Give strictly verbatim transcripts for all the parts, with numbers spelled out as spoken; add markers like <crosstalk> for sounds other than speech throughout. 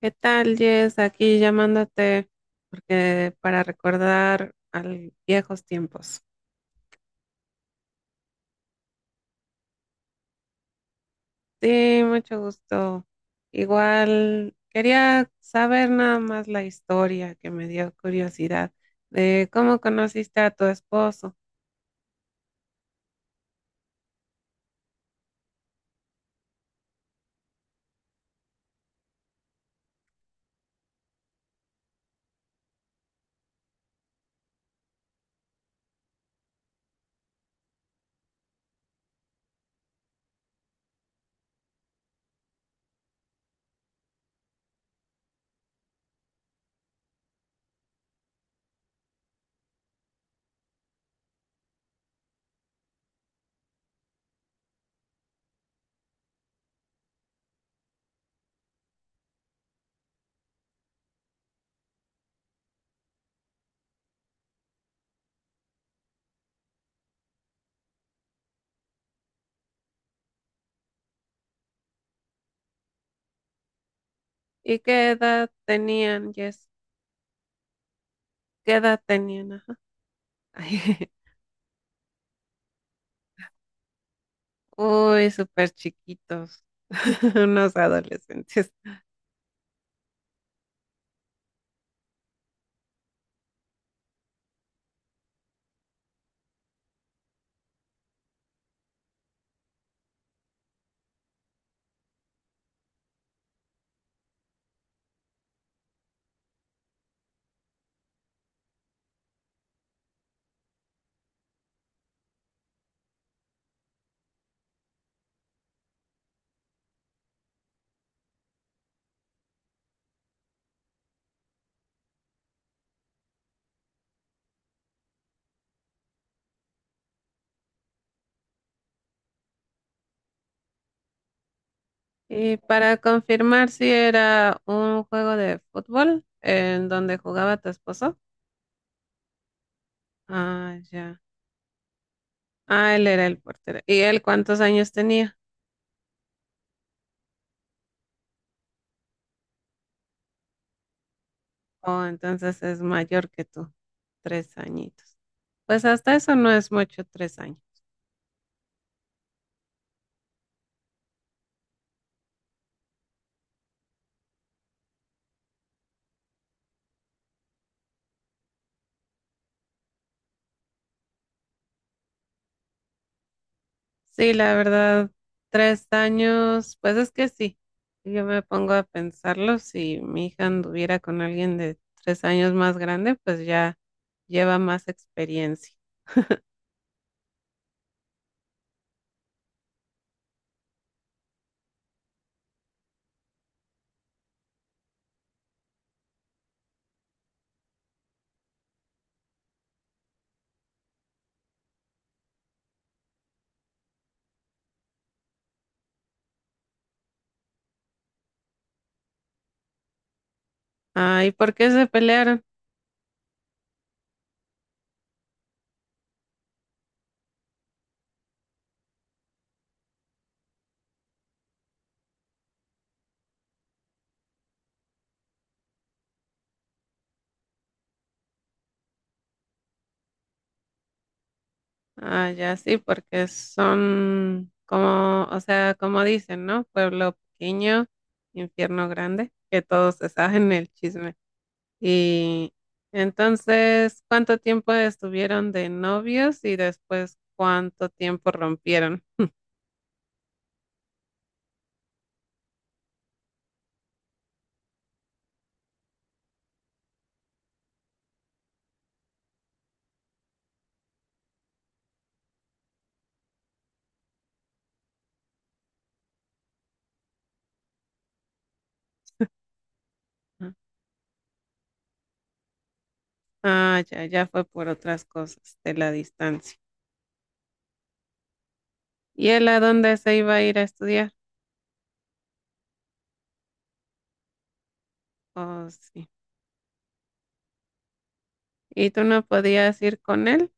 ¿Qué tal, Jess? Aquí llamándote porque para recordar a viejos tiempos. Sí, mucho gusto. Igual quería saber nada más la historia que me dio curiosidad de cómo conociste a tu esposo y qué edad tenían, Jess. ¿Qué edad tenían? Ajá. <laughs> Uy, súper chiquitos, <laughs> unos adolescentes. Y para confirmar si era un juego de fútbol en donde jugaba tu esposo. Ah, ya. Ah, él era el portero. ¿Y él cuántos años tenía? Oh, entonces es mayor que tú. Tres añitos. Pues hasta eso no es mucho, tres años. Sí, la verdad, tres años, pues es que sí. Yo me pongo a pensarlo, si mi hija anduviera con alguien de tres años más grande, pues ya lleva más experiencia. Ah, ¿y por qué se pelearon? Ah, ya sí, porque son como, o sea, como dicen, ¿no? Pueblo pequeño, infierno grande, que todos se saben el chisme. Y entonces, ¿cuánto tiempo estuvieron de novios y después cuánto tiempo rompieron? Ah. Ah, ya, ya fue por otras cosas de la distancia. ¿Y él a dónde se iba a ir a estudiar? Oh, sí. ¿Y tú no podías ir con él?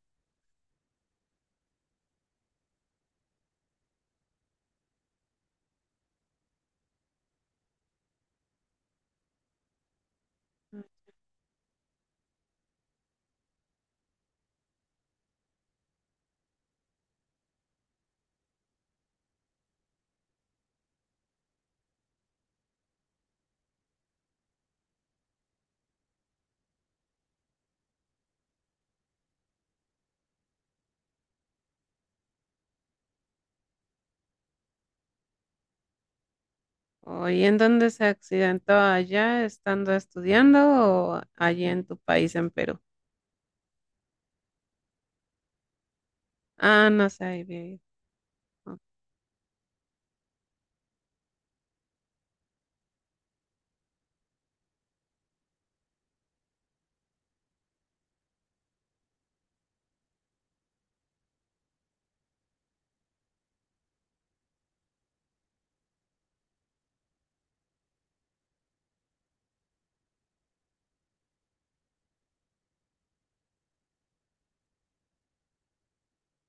Oye, ¿en dónde se accidentó allá estando estudiando o allí en tu país, en Perú? Ah, no sé, ahí vi. O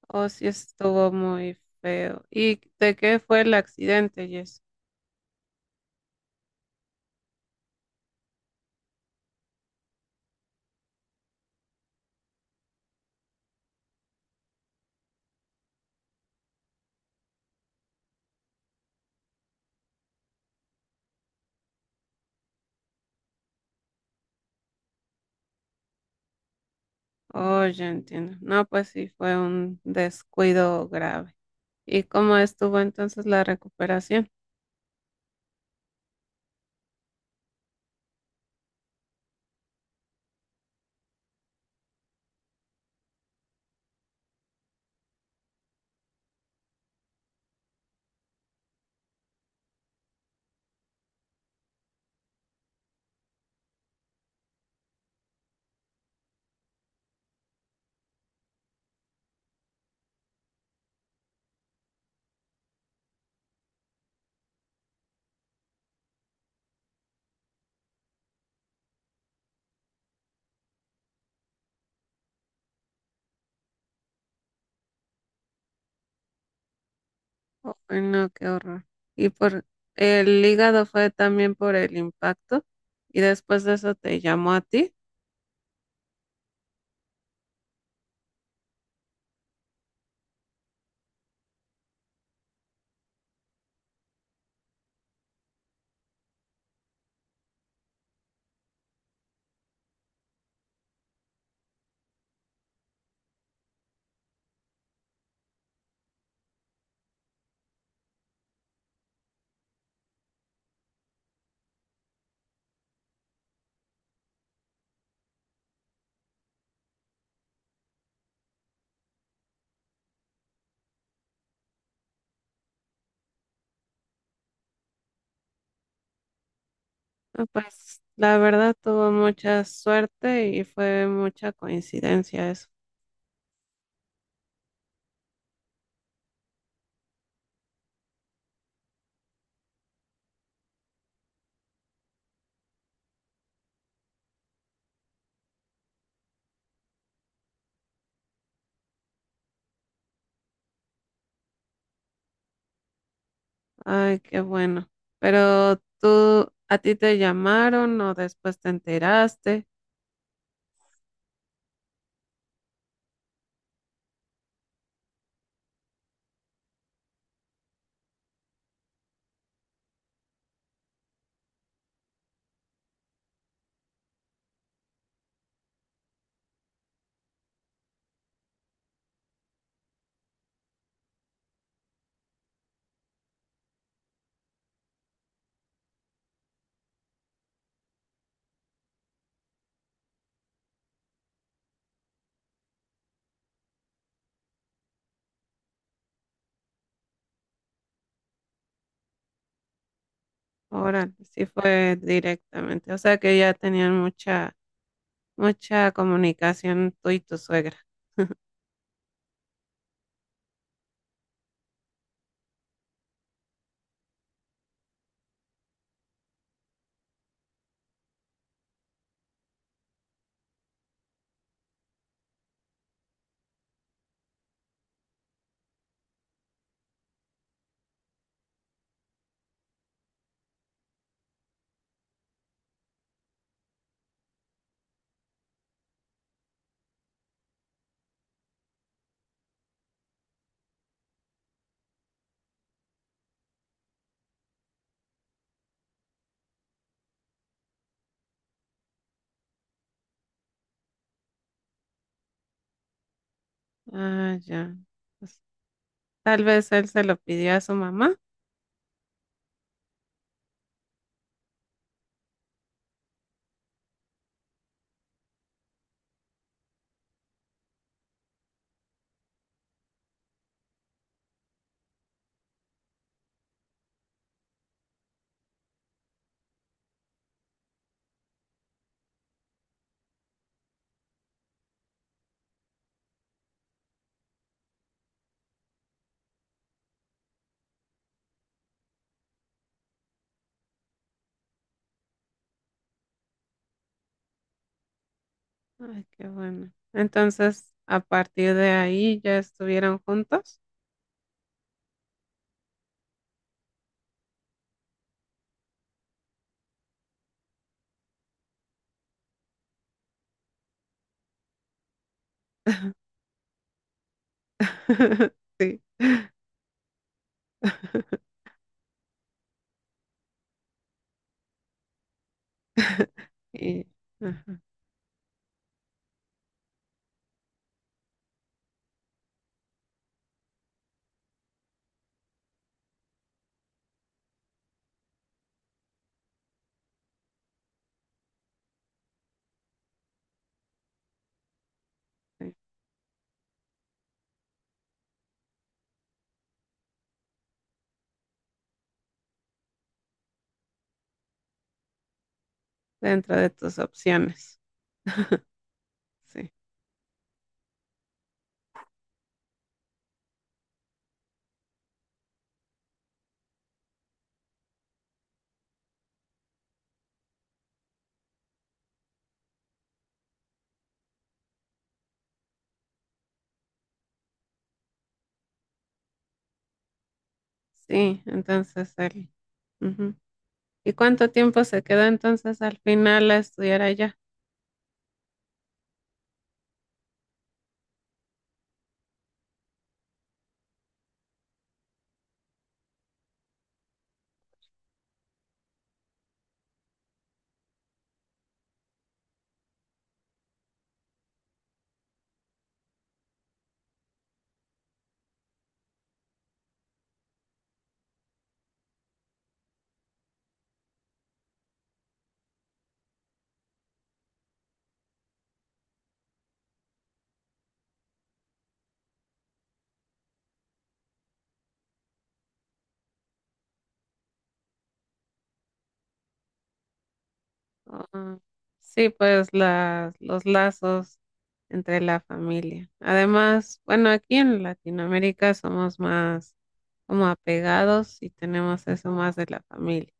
o sí estuvo muy feo. ¿Y de qué fue el accidente, Jess? Oh, ya entiendo. No, pues sí, fue un descuido grave. ¿Y cómo estuvo entonces la recuperación? Oh, no, qué horror. ¿Y por el hígado fue también por el impacto? ¿Y después de eso te llamó a ti? No, pues la verdad tuvo mucha suerte y fue mucha coincidencia eso. Ay, qué bueno. Pero tú, ¿a ti te llamaron o después te enteraste? Ahora sí fue directamente. O sea que ya tenían mucha, mucha comunicación tú y tu suegra. Ah, ya. Pues, tal vez él se lo pidió a su mamá. Ay, qué bueno. Entonces, a partir de ahí ya estuvieron juntos. <laughs> Sí. <laughs> <laughs> Y ajá, sí, dentro de tus opciones. Sí, sí, entonces él. Ujú. ¿Y cuánto tiempo se quedó entonces al final a estudiar allá? Ah, sí, pues las, los lazos entre la familia. Además, bueno, aquí en Latinoamérica somos más como apegados y tenemos eso más de la familia.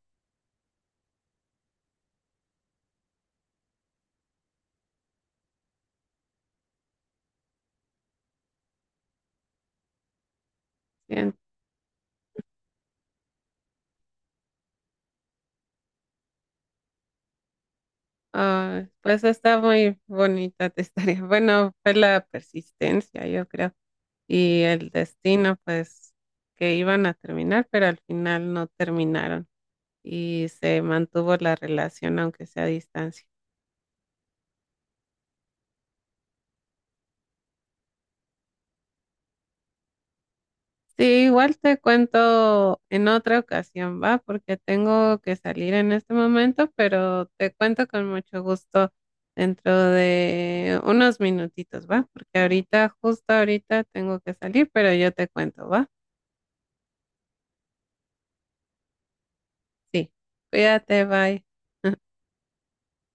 Bien. Ah, pues está muy bonita tu <laughs> historia. Bueno, fue la persistencia, yo creo. Y el destino, pues, que iban a terminar, pero al final no terminaron y se mantuvo la relación, aunque sea a distancia. Sí, igual te cuento en otra ocasión, va, porque tengo que salir en este momento, pero te cuento con mucho gusto dentro de unos minutitos, va, porque ahorita, justo ahorita tengo que salir, pero yo te cuento, va. Sí, cuídate, bye.